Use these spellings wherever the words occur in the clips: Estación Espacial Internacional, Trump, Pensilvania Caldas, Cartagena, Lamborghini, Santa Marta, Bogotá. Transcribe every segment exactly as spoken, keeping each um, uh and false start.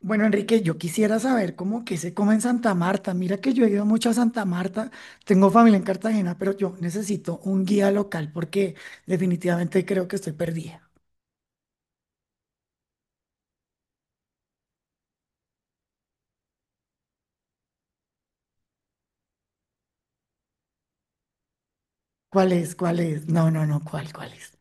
Bueno, Enrique, yo quisiera saber cómo que se come en Santa Marta. Mira que yo he ido mucho a Santa Marta, tengo familia en Cartagena, pero yo necesito un guía local porque definitivamente creo que estoy perdida. ¿Cuál es? ¿Cuál es? No, no, no, ¿cuál? ¿Cuál es?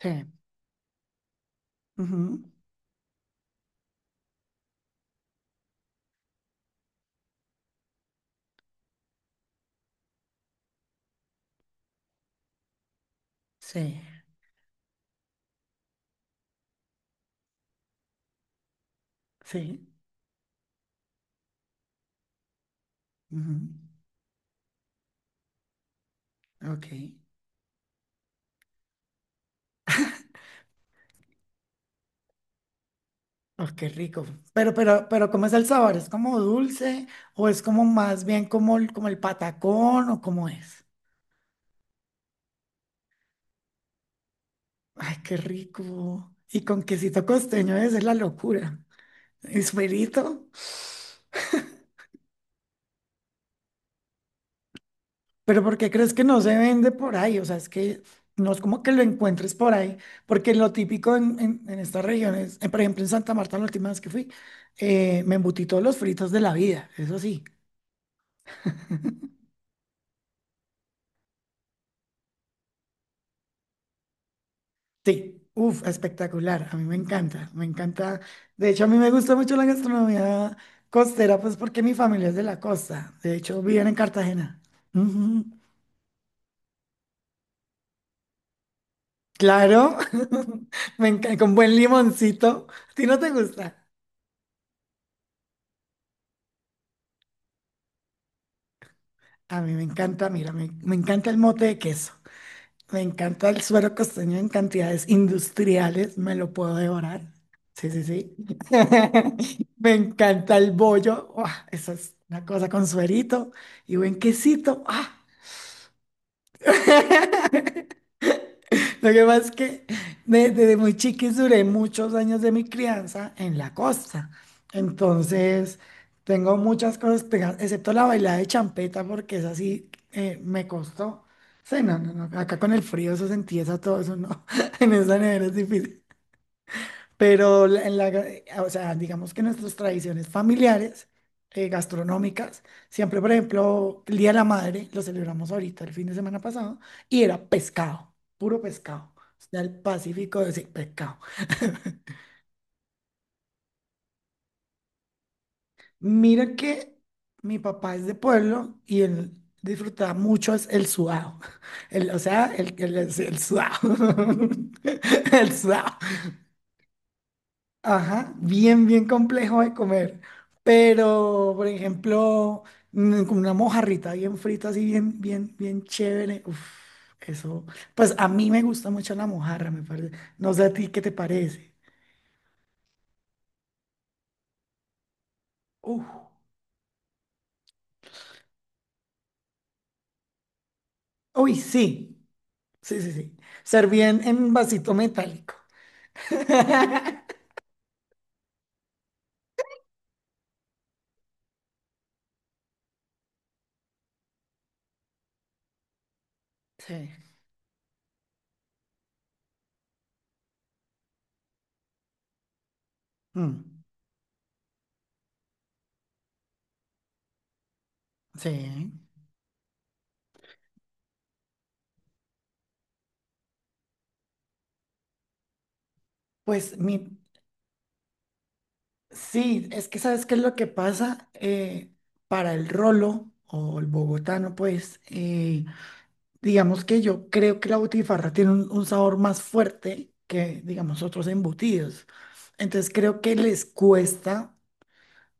Sí. Ujú. Sí. Sí. Ujú. Ok. Oh, qué rico. Pero, pero, pero, ¿cómo es el sabor? ¿Es como dulce o es como más bien como el, como el patacón o cómo es? Ay, qué rico. Y con quesito costeño, esa es la locura. Esperito, pero ¿por qué crees que no se vende por ahí? O sea, es que no es como que lo encuentres por ahí, porque lo típico en, en- en estas regiones, eh, por ejemplo en Santa Marta, la última vez que fui, eh, me embutí todos los fritos de la vida, eso sí, sí, uff, espectacular, a mí me encanta, me encanta. De hecho, a mí me gusta mucho la gastronomía costera, pues porque mi familia es de la costa, de hecho, viven en Cartagena. Ujú. Claro, me encanta, con buen limoncito, ¿a ti no te gusta? A mí me encanta, mira, me, me encanta el mote de queso, me encanta el suero costeño en cantidades industriales, me lo puedo devorar. Sí, sí, sí. Me encanta el bollo, ¡ah!, eso es una cosa con suerito y buen quesito. ¡Ah! Lo que pasa es que de- desde muy chiquis duré muchos años de mi crianza en la costa. Entonces, tengo muchas cosas pegadas, excepto la bailada de champeta, porque es así, me costó. Sí, no, no, no. Acá con el frío eso se empieza todo eso, no. En esa nevera es difícil. Pero la- en la, ga- o sea, digamos que nuestras tradiciones familiares, eh, gastronómicas, siempre, por ejemplo, el Día de la Madre, lo celebramos ahorita, el fin de semana pasado, y era pescado, puro pescado. O sea, el Pacífico de ese pescado. Mira que mi papá es de pueblo y él disfrutaba mucho es el sudado. El, o sea, el, el, el sudado. El sudado. Ajá, bien, bien complejo de comer. Pero, por ejemplo, mm, con una mojarrita bien frita, así bien, bien, bien chévere. Uf, eso. Pues a mí me gusta mucho la mojarra, me parece. No sé a ti qué te parece. Uf. Uy, sí. Sí, sí, sí. Serví en, en vasito metálico. Sí. Mm, sí. Pues mi, sí, es que ¿sabes qué es lo que pasa? Eh, para el rolo o el bogotano, pues, eh, digamos que yo creo que la butifarra tiene un, un sabor más fuerte que, digamos, otros embutidos. Entonces creo que les cuesta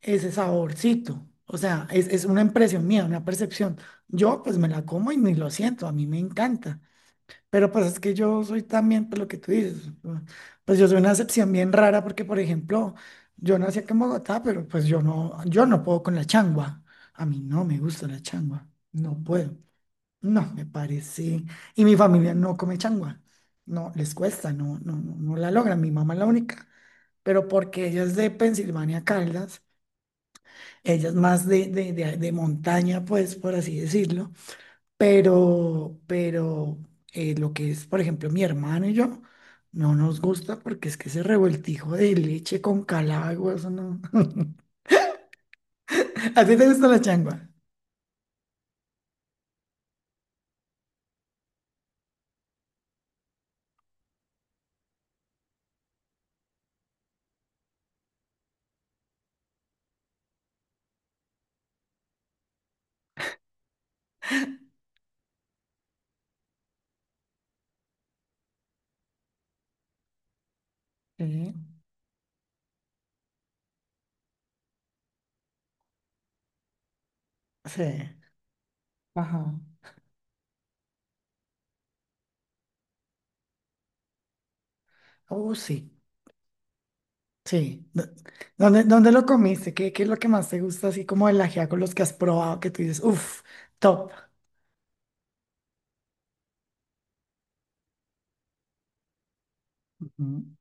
ese saborcito. O sea, es, es una impresión mía, una percepción. Yo pues me la como y ni lo siento, a mí me encanta. Pero pues es que yo soy también, pues lo que tú dices, ¿no? Pues yo soy una excepción bien rara porque, por ejemplo, yo nací aquí en Bogotá, pero pues yo no, yo no puedo con la changua. A mí no me gusta la changua, no puedo, no me parece. Y mi familia no come changua, no les cuesta, no, no, no, no la logran. Mi mamá es la única, pero porque ella es de Pensilvania Caldas, ella es más de, de, de de montaña, pues por así decirlo. Pero, pero eh, lo que es, por ejemplo, mi hermano y yo, no nos gusta porque es que ese revoltijo de leche con calagua, eso no. ¿A ti te gusta la changua? Sí. Sí. Ajá. Oh, sí, sí. Do- ¿Dónde, dónde lo comiste? ¿Qué, qué es lo que más te gusta, así como el ajiaco, los que has probado, que tú dices, uff, top? Ujú.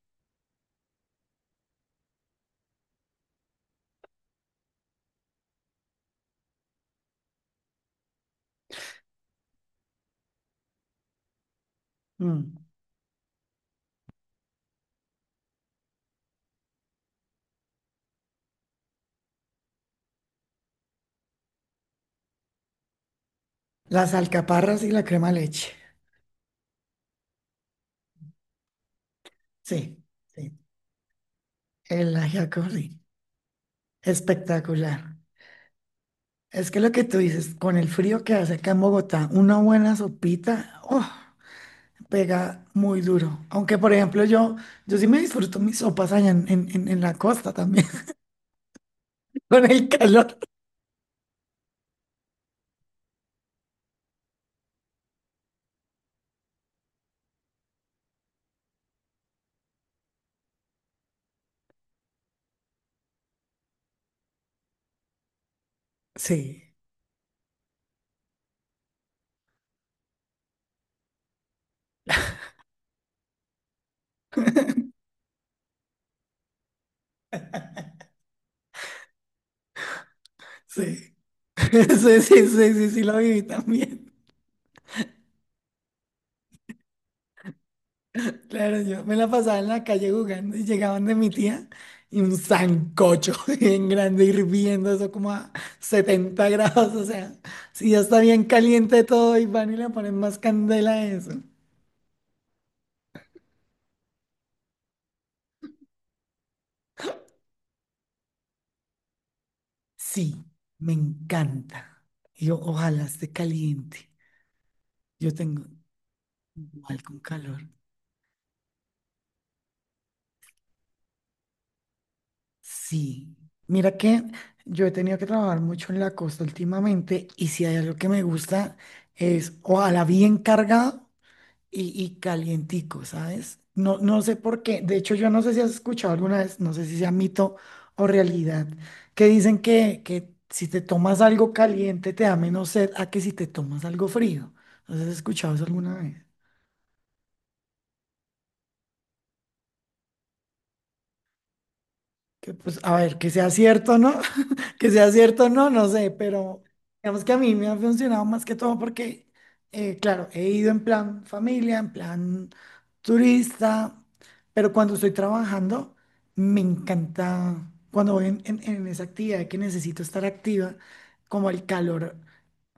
Mm. Las alcaparras y la crema de leche. Sí, sí. El ajiaco, sí. Espectacular. Es que lo que tú dices, con el frío que hace acá en Bogotá, una buena sopita, ¡oh!, pega muy duro. Aunque, por ejemplo, yo, yo sí me disfruto mis sopas allá en, en- en- en la costa también, con el calor. Sí, sí, sí, sí, sí, sí, sí, lo viví también. Claro, yo me la pasaba en la calle jugando y llegaban de mi tía y un sancocho bien grande hirviendo, eso como a setenta grados, o sea, si ya está bien caliente todo y van y le ponen más candela a eso. Sí, me encanta. Yo ojalá esté caliente. Yo tengo mal con calor. Sí. Mira que yo he tenido que trabajar mucho en la costa últimamente y si hay algo que me gusta es ojalá bien cargado y, y calientico, ¿sabes? No, no sé por qué. De hecho, yo no sé si has escuchado alguna vez, no sé si sea mito o realidad, que dicen que, que si te tomas algo caliente te da menos sed a que si te tomas algo frío. ¿No sé si has escuchado eso alguna vez? Que pues, a ver, que sea cierto, ¿no? Que sea cierto o no, no sé, pero digamos que a mí me ha funcionado más que todo porque, eh, claro, he ido en plan familia, en plan turista, pero cuando estoy trabajando, me encanta, cuando voy en, en- en esa actividad que necesito estar activa, como el calor,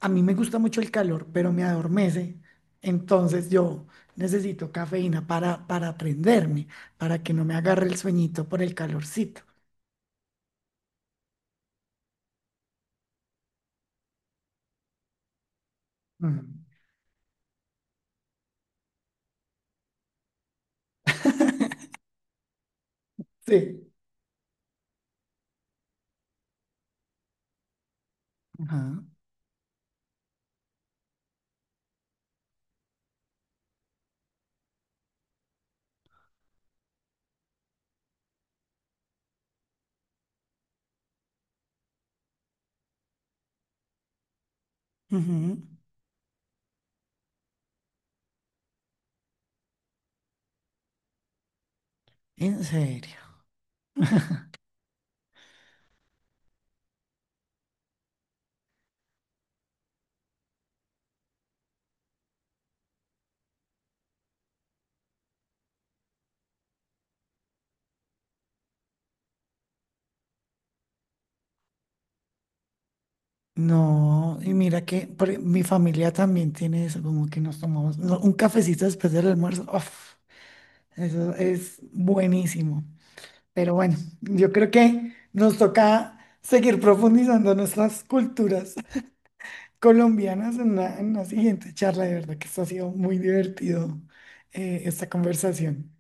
a mí me gusta mucho el calor, pero me adormece, entonces yo necesito cafeína para, para prenderme, para que no me agarre el sueñito por el calorcito. Mm. Sí. Ajá. Ujú. En serio. No, y mira que por e- mi familia también tiene eso, como que nos tomamos no, un cafecito después del almuerzo. Uf, eso es buenísimo. Pero bueno, yo creo que nos toca seguir profundizando nuestras culturas colombianas en una, en una siguiente charla. De verdad que esto ha sido muy divertido, eh, esta conversación.